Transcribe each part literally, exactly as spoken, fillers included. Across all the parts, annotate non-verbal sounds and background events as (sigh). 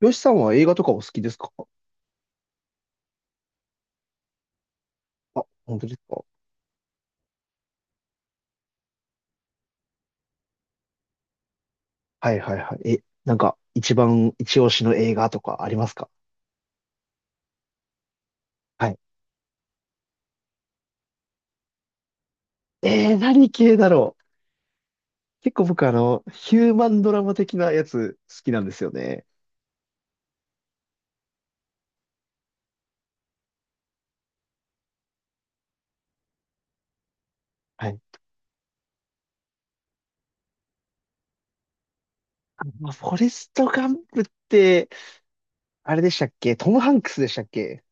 よしさんは映画とかお好きですか？あ、本当ですか？はいはいはい。え、なんか、一番一押しの映画とかありますか？はい。えー、何系だろう。結構僕、あの、ヒューマンドラマ的なやつ好きなんですよね。はい。あ、まあ、フォレスト・ガンプって、あれでしたっけ？トム・ハンクスでしたっけ？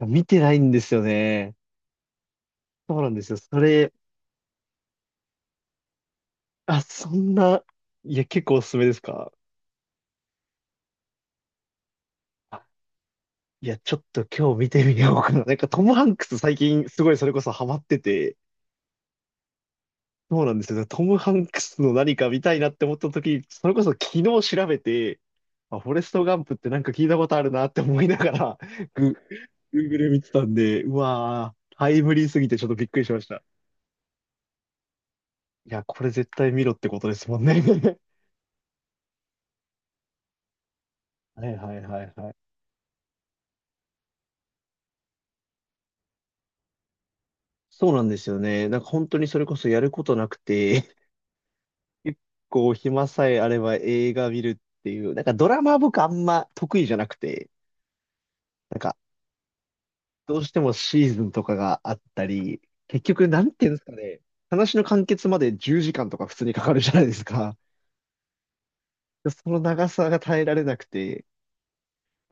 見てないんですよね。そうなんですよ。それ、あ、そんな、いや、結構おすすめですか？あ、いや、ちょっと今日見てみようかな。なんかトム・ハンクス最近すごいそれこそハマってて、そうなんですよ。トム・ハンクスの何か見たいなって思った時、それこそ昨日調べて、あ、フォレスト・ガンプってなんか聞いたことあるなって思いながら、グ、グーグル 見てたんで、うわー、タイムリーすぎてちょっとびっくりしました。いや、これ絶対見ろってことですもんね。(laughs) はいはいはいはい。そうなんですよね。なんか本当にそれこそやることなくて、(laughs) 結構暇さえあれば映画見るっていう、なんかドラマ僕あんま得意じゃなくて、なんかどうしてもシーズンとかがあったり、結局、なんていうんですかね、話の完結までじゅうじかんとか普通にかかるじゃないですか。でその長さが耐えられなくて、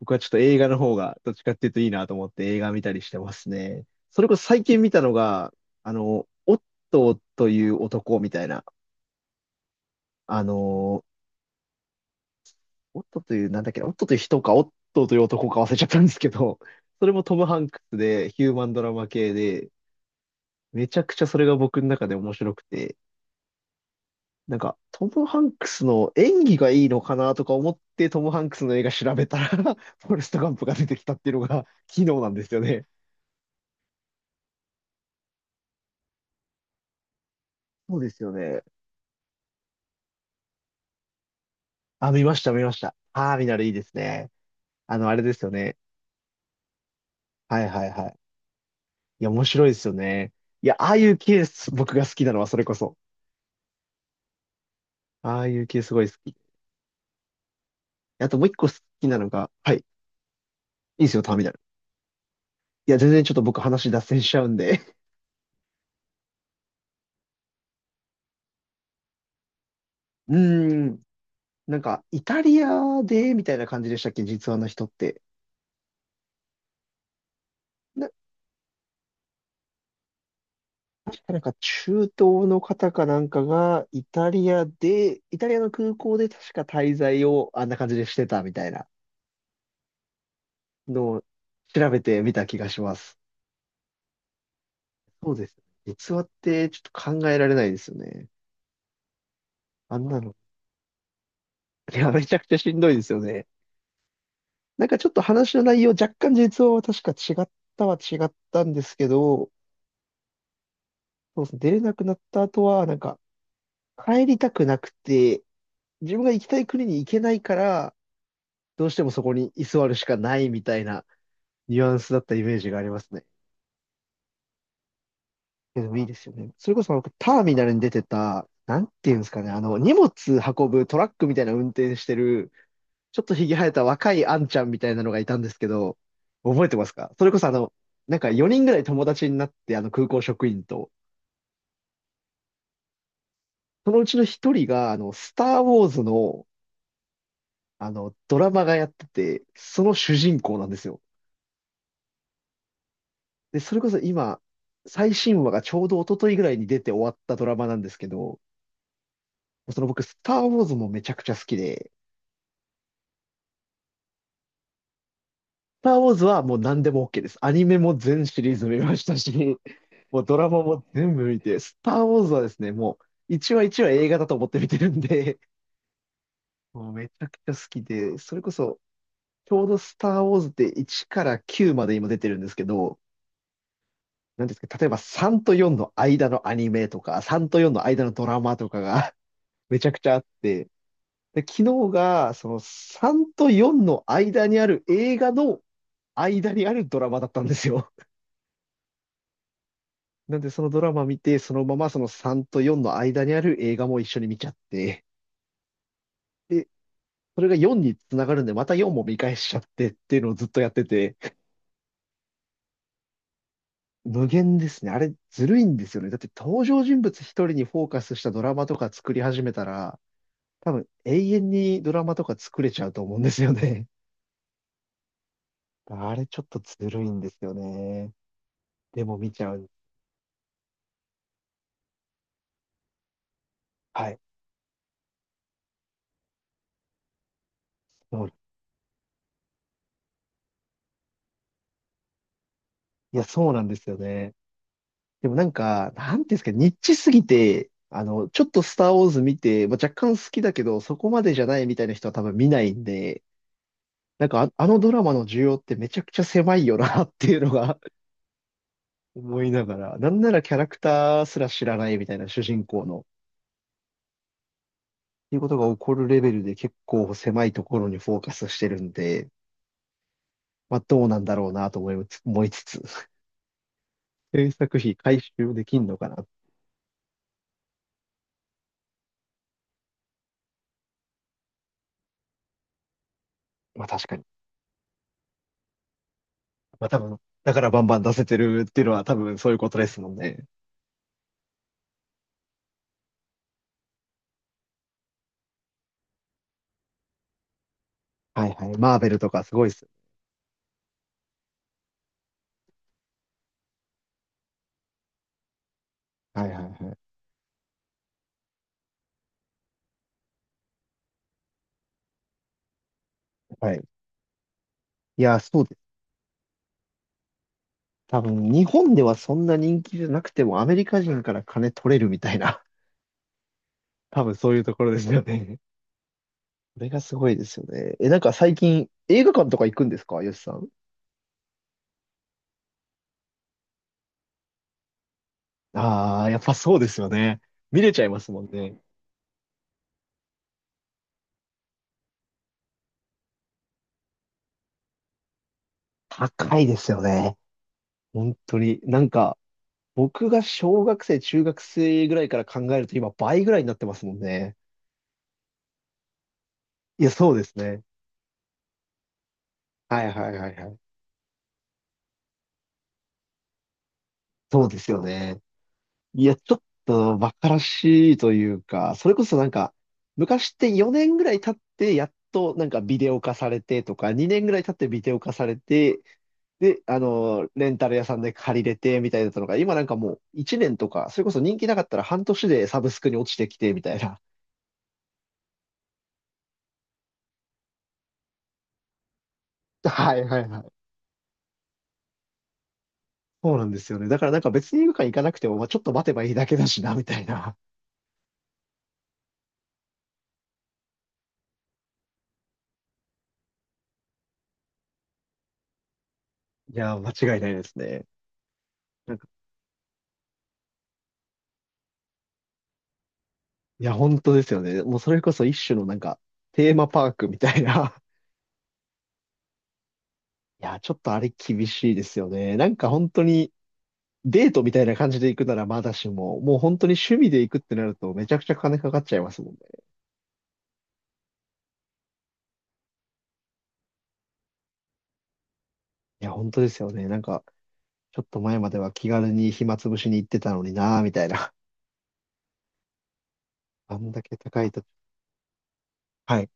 僕はちょっと映画の方がどっちかっていうといいなと思って映画見たりしてますね。それこそ最近見たのが、あの、オットーという男みたいな、あの、オットーという、なんだっけな、オットーという人か、オットーという男か忘れちゃったんですけど、(laughs) それもトム・ハンクスでヒューマンドラマ系で、めちゃくちゃそれが僕の中で面白くて、なんか、トム・ハンクスの演技がいいのかなとか思って、トム・ハンクスの映画調べたら (laughs) フォレスト・ガンプが出てきたっていうのが、昨日なんですよね。そうですよね。あ、見ました、見ました。あー見ならいいですね。あの、あれですよね。はいはいはい。いや、面白いですよね。いや、ああいう系、僕が好きなのはそれこそ。ああいう系すごい好き。あともう一個好きなのが、はい、いいですよ、ターミナル。いや、全然ちょっと僕話脱線しちゃうんで。 (laughs) うーん。なんか、イタリアで、みたいな感じでしたっけ、実話の人って。な確かなんか中東の方かなんかが、イタリアで、イタリアの空港で確か滞在をあんな感じでしてたみたいなのを調べてみた気がします。そうですね。実話ってちょっと考えられないですよね。あんなの。いや、めちゃくちゃしんどいですよね。なんかちょっと話の内容、若干実話は確か違ったは違ったんですけど、そうですね、出れなくなった後は、なんか帰りたくなくて、自分が行きたい国に行けないから、どうしてもそこに居座るしかないみたいな。ニュアンスだったイメージがありますね。でもいいですよね。それこそ僕、ターミナルに出てた、なんていうんですかね、あの、荷物運ぶトラックみたいな運転してる、ちょっとひげ生えた若いあんちゃんみたいなのがいたんですけど、覚えてますか？それこそあの、なんかよにんぐらい友達になって、あの空港職員と、そのうちのひとりが、あの、スター・ウォーズの、あの、ドラマがやってて、その主人公なんですよ。で、それこそ今、最新話がちょうど一昨日ぐらいに出て終わったドラマなんですけど、その僕、スター・ウォーズもめちゃくちゃ好きで、スター・ウォーズはもう何でも オーケー です。アニメも全シリーズ見ましたし、(laughs) もうドラマも全部見て、スター・ウォーズはですね、もう一話一話映画だと思って見てるんで、(laughs) もうめちゃくちゃ好きで、それこそ、ちょうどスター・ウォーズっていちからきゅうまで今出てるんですけど、なんですか、例えばさんとよんの間のアニメとか、さんとよんの間のドラマとかが (laughs) めちゃくちゃあって、で、昨日が、そのさんとよんの間にある映画の間にあるドラマだったんですよ。(laughs) なんでそのドラマ見て、そのままそのさんとよんの間にある映画も一緒に見ちゃって、で、それがよんにつながるんで、またよんも見返しちゃってっていうのをずっとやってて、無限ですね。あれ、ずるいんですよね。だって登場人物一人にフォーカスしたドラマとか作り始めたら、多分永遠にドラマとか作れちゃうと思うんですよね。(laughs) あれちょっとずるいんですよね。でも見ちゃう。はい。そう、いや、そうなんですよね。でもなんか、なんていうんですか、ニッチすぎて、あの、ちょっとスターウォーズ見て、まあ、若干好きだけど、そこまでじゃないみたいな人は多分見ないんで、なんかあ、あのドラマの需要ってめちゃくちゃ狭いよなっていうのが (laughs) 思いながら、なんならキャラクターすら知らないみたいな主人公の、っていうことが起こるレベルで結構狭いところにフォーカスしてるんで、まあ、どうなんだろうなと思いつ、思いつつ、(laughs) 制作費回収できんのかな。まあ確かに。まあ多分、だからバンバン出せてるっていうのは多分そういうことですもんね。はいはい。マーベルとかすごいっす。はいはいはい。はい。いや、そうです。多分、日本ではそんな人気じゃなくても、アメリカ人から金取れるみたいな、(laughs) 多分そういうところですよね。それがすごいですよね。え、なんか最近、映画館とか行くんですか、よしさん。ああ、やっぱそうですよね。見れちゃいますもんね。高いですよね。本当に。なんか、僕が小学生、中学生ぐらいから考えると、今倍ぐらいになってますもんね。いや、そうですね。はいはいはいはい。そうですよね。いや、ちょっと馬鹿らしいというか、それこそなんか、昔ってよねんぐらい経って、やっとなんかビデオ化されてとか、にねんぐらい経ってビデオ化されて、で、あの、レンタル屋さんで借りれてみたいだったのが、今なんかもういちねんとか、それこそ人気なかったら半年でサブスクに落ちてきてみたいな。はいはいはい。そうなんですよね。だからなんか別に映画館行かなくても、まあ、ちょっと待てばいいだけだしな、みたいな。いや、間違いないですね。なんか、いや、本当ですよね。もうそれこそ一種のなんか、テーマパークみたいな。いや、ちょっとあれ厳しいですよね。なんか本当にデートみたいな感じで行くならまだしも、もう本当に趣味で行くってなるとめちゃくちゃ金かかっちゃいますもんね。いや、本当ですよね。なんか、ちょっと前までは気軽に暇つぶしに行ってたのになぁ、みたいな。(laughs) あんだけ高いと。はい。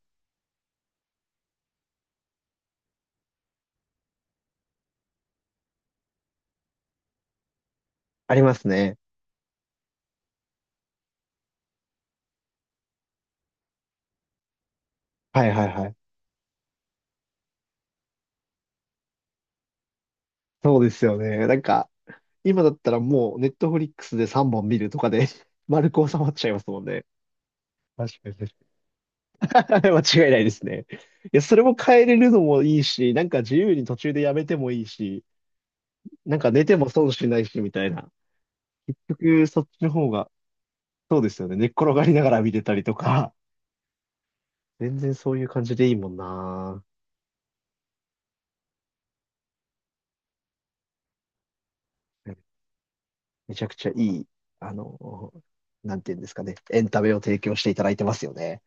ありますね。はいはいはい。そうですよね。なんか、今だったらもうネットフリックスでさんぼん見るとかで (laughs) 丸く収まっちゃいますもんね。確かに。 (laughs) はい、間違いないですね。いや、それも変えれるのもいいし、なんか自由に途中でやめてもいいし、なんか寝ても損しないし、みたいな。結局、そっちの方が、そうですよね。寝っ転がりながら見てたりとか、全然そういう感じでいいもんな。めちゃくちゃいい、あの、なんていうんですかね。エンタメを提供していただいてますよね。